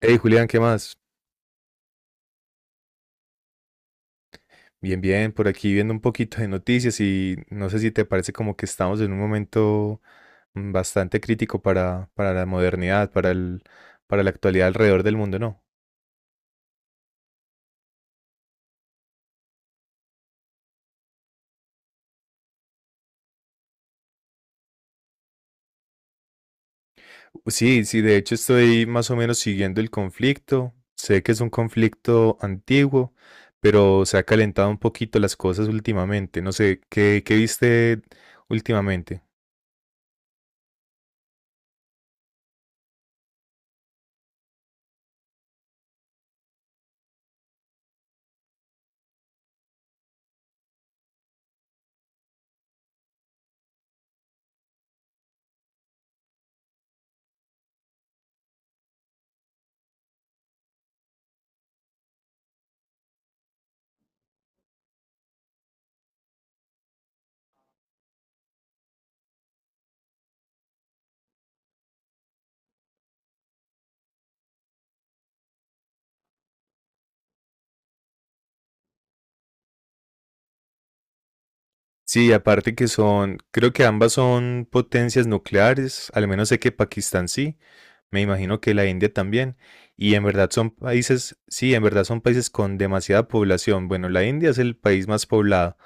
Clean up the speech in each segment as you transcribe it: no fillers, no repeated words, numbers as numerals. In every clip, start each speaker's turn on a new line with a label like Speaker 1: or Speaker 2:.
Speaker 1: Hey Julián, ¿qué más? Bien, bien, por aquí viendo un poquito de noticias y no sé si te parece como que estamos en un momento bastante crítico para la modernidad, para para la actualidad alrededor del mundo, ¿no? Sí, sí, de hecho estoy más o menos siguiendo el conflicto. Sé que es un conflicto antiguo, pero se ha calentado un poquito las cosas últimamente. No sé, ¿qué viste últimamente? Sí, aparte que son, creo que ambas son potencias nucleares, al menos sé que Pakistán sí, me imagino que la India también, y en verdad son países, sí, en verdad son países con demasiada población. Bueno, la India es el país más poblado,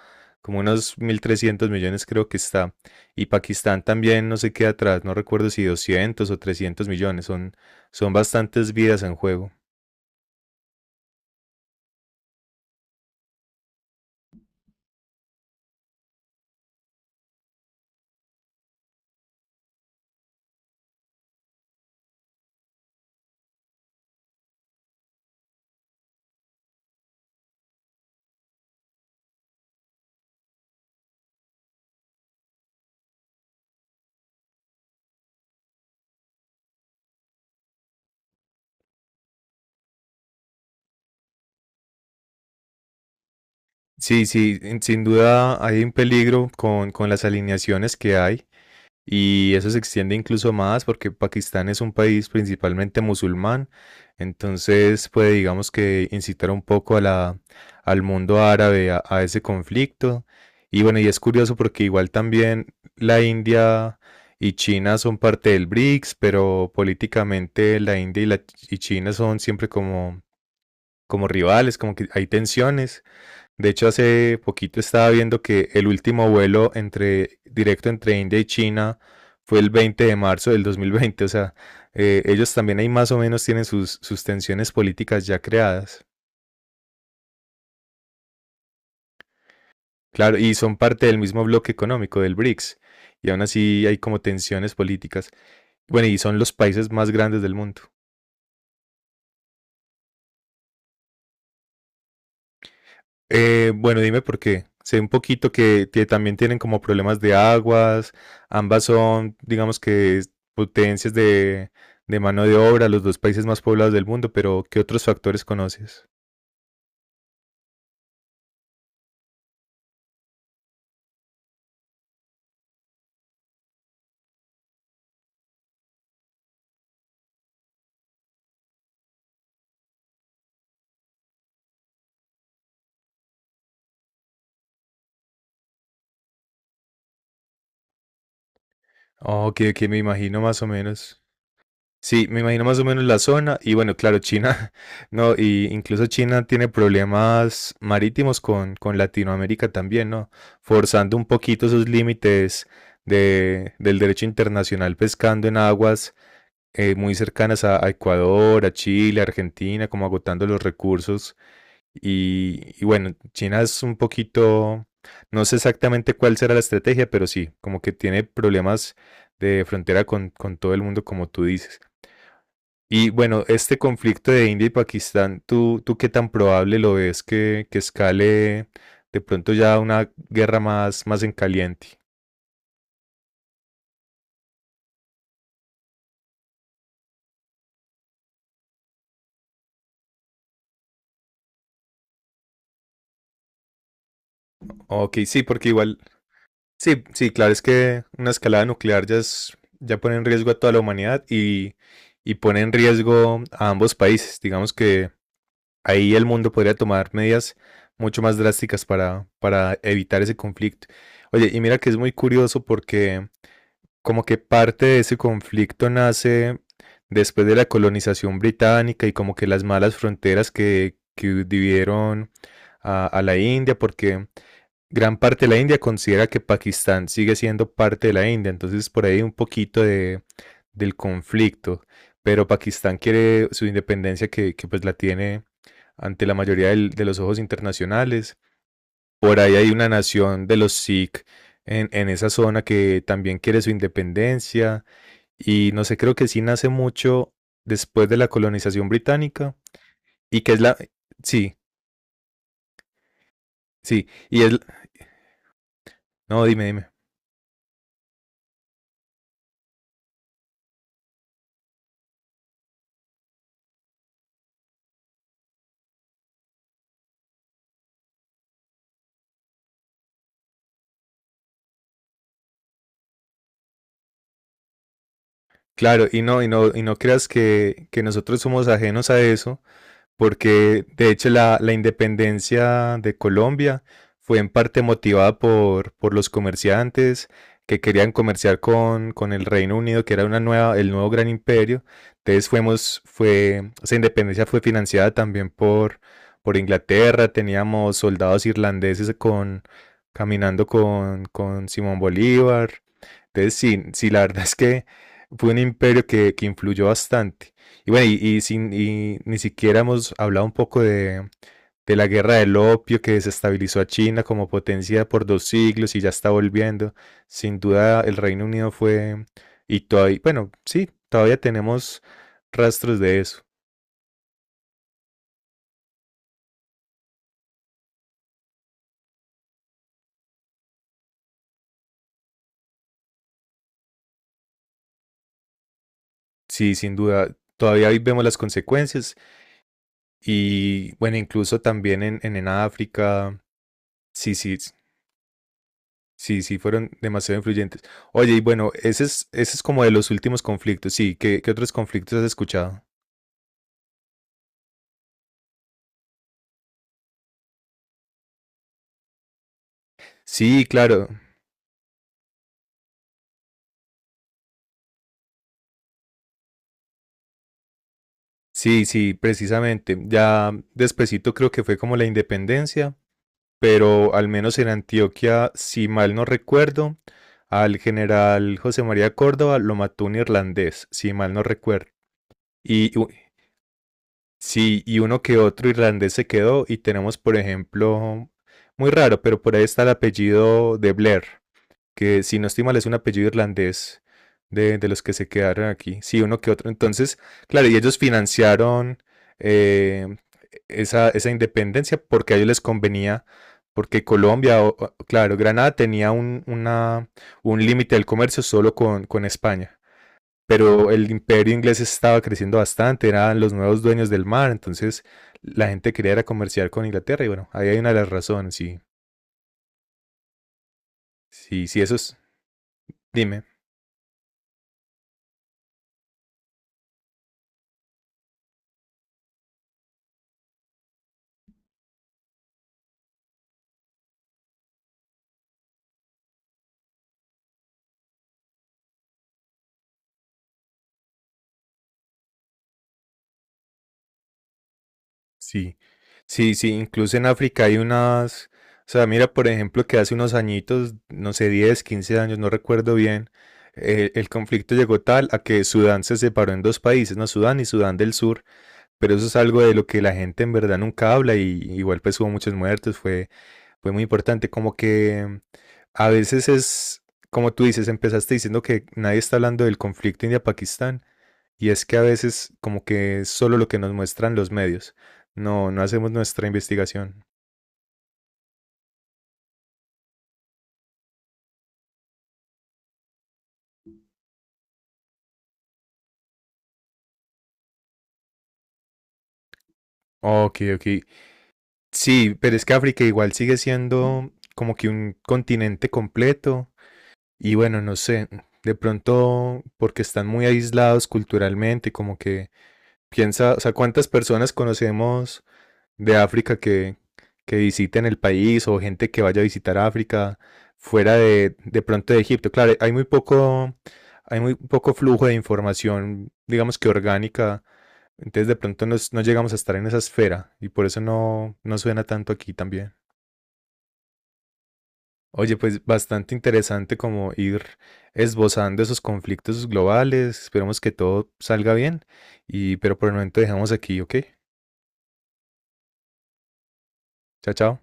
Speaker 1: como unos 1.300 millones creo que está, y Pakistán también no se queda atrás, no recuerdo si 200 o 300 millones, son, son bastantes vidas en juego. Sí, sí, sin duda hay un peligro con las alineaciones que hay. Y eso se extiende incluso más porque Pakistán es un país principalmente musulmán, entonces puede, digamos que, incitar un poco a al mundo árabe a ese conflicto. Y bueno, y es curioso porque igual también la India y China son parte del BRICS, pero políticamente la India y China son siempre como, como rivales, como que hay tensiones. De hecho, hace poquito estaba viendo que el último vuelo entre, directo entre India y China fue el 20 de marzo del 2020. O sea, ellos también ahí más o menos tienen sus, sus tensiones políticas ya creadas. Claro, y son parte del mismo bloque económico del BRICS. Y aún así hay como tensiones políticas. Bueno, y son los países más grandes del mundo. Bueno, dime por qué. Sé un poquito que, también tienen como problemas de aguas, ambas son, digamos que, potencias de mano de obra, los dos países más poblados del mundo, pero ¿qué otros factores conoces? Oh, que me imagino más o menos. Sí, me imagino más o menos la zona y bueno, claro, China, no, y incluso China tiene problemas marítimos con Latinoamérica también, ¿no? Forzando un poquito esos límites del derecho internacional pescando en aguas muy cercanas a Ecuador, a Chile, a Argentina, como agotando los recursos. Y bueno, China es un poquito, no sé exactamente cuál será la estrategia, pero sí, como que tiene problemas de frontera con todo el mundo, como tú dices. Y bueno, este conflicto de India y Pakistán, ¿tú qué tan probable lo ves que escale de pronto ya una guerra más en caliente? Ok, sí, porque igual sí, sí, claro, es que una escalada nuclear ya es, ya pone en riesgo a toda la humanidad y pone en riesgo a ambos países. Digamos que ahí el mundo podría tomar medidas mucho más drásticas para evitar ese conflicto. Oye, y mira que es muy curioso porque como que parte de ese conflicto nace después de la colonización británica y como que las malas fronteras que dividieron a la India, porque gran parte de la India considera que Pakistán sigue siendo parte de la India, entonces por ahí un poquito del conflicto, pero Pakistán quiere su independencia que pues la tiene ante la mayoría de los ojos internacionales. Por ahí hay una nación de los Sikh en esa zona que también quiere su independencia y no sé, creo que sí nace mucho después de la colonización británica y que es la... Sí, sí, y es... No, dime, dime. Claro, y no creas que nosotros somos ajenos a eso, porque de hecho la independencia de Colombia fue en parte motivada por los comerciantes que querían comerciar con el Reino Unido, que era una nueva, el nuevo gran imperio. Entonces esa independencia fue financiada también por Inglaterra, teníamos soldados irlandeses con, caminando con Simón Bolívar. Entonces sí, sí, la verdad es que fue un imperio que influyó bastante. Y bueno, y ni siquiera hemos hablado un poco de la guerra del opio que desestabilizó a China como potencia por dos siglos y ya está volviendo. Sin duda el Reino Unido fue, y todavía, bueno, sí, todavía tenemos rastros de eso. Sí, sin duda, todavía hoy vemos las consecuencias y bueno, incluso también en África, sí, sí, sí, sí, fueron demasiado influyentes. Oye, y bueno, ese es como de los últimos conflictos, sí, ¿qué otros conflictos has escuchado? Sí, claro. Sí, sí, precisamente. Ya despuesito creo que fue como la independencia, pero al menos en Antioquia, si mal no recuerdo, al general José María Córdoba lo mató un irlandés, si mal no recuerdo. Y u- sí, y uno que otro irlandés se quedó y tenemos, por ejemplo, muy raro, pero por ahí está el apellido de Blair. Que si no estoy mal es un apellido irlandés de los que se quedaron aquí. Sí, uno que otro. Entonces, claro, y ellos financiaron eh, esa independencia porque a ellos les convenía, porque Colombia, claro, Granada tenía una, un límite del comercio solo con España. Pero el imperio inglés estaba creciendo bastante, eran los nuevos dueños del mar, entonces la gente quería era comerciar con Inglaterra y bueno, ahí hay una de las razones, sí, sí, sí, eso es, dime. Sí, sí, sí, incluso en África hay unas, o sea, mira, por ejemplo, que hace unos añitos, no sé, 10, 15 años, no recuerdo bien, el conflicto llegó tal a que Sudán se separó en dos países, ¿no? Sudán y Sudán del Sur, pero eso es algo de lo que la gente en verdad nunca habla y igual pues hubo muchos muertos, fue, fue muy importante, como que a veces es, como tú dices, empezaste diciendo que nadie está hablando del conflicto India-Pakistán. Y es que a veces como que es solo lo que nos muestran los medios. No, no hacemos nuestra investigación. Ok, ok. Sí, pero es que África igual sigue siendo como que un continente completo. Y bueno, no sé, de pronto porque están muy aislados culturalmente, como que piensa, o sea, ¿cuántas personas conocemos de África que visiten el país o gente que vaya a visitar África fuera de pronto de Egipto. Claro, hay muy poco flujo de información, digamos que orgánica, entonces de pronto no llegamos a estar en esa esfera y por eso no, no suena tanto aquí también. Oye, pues bastante interesante como ir esbozando esos conflictos globales. Esperemos que todo salga bien y pero por el momento dejamos aquí, ¿ok? Chao, chao.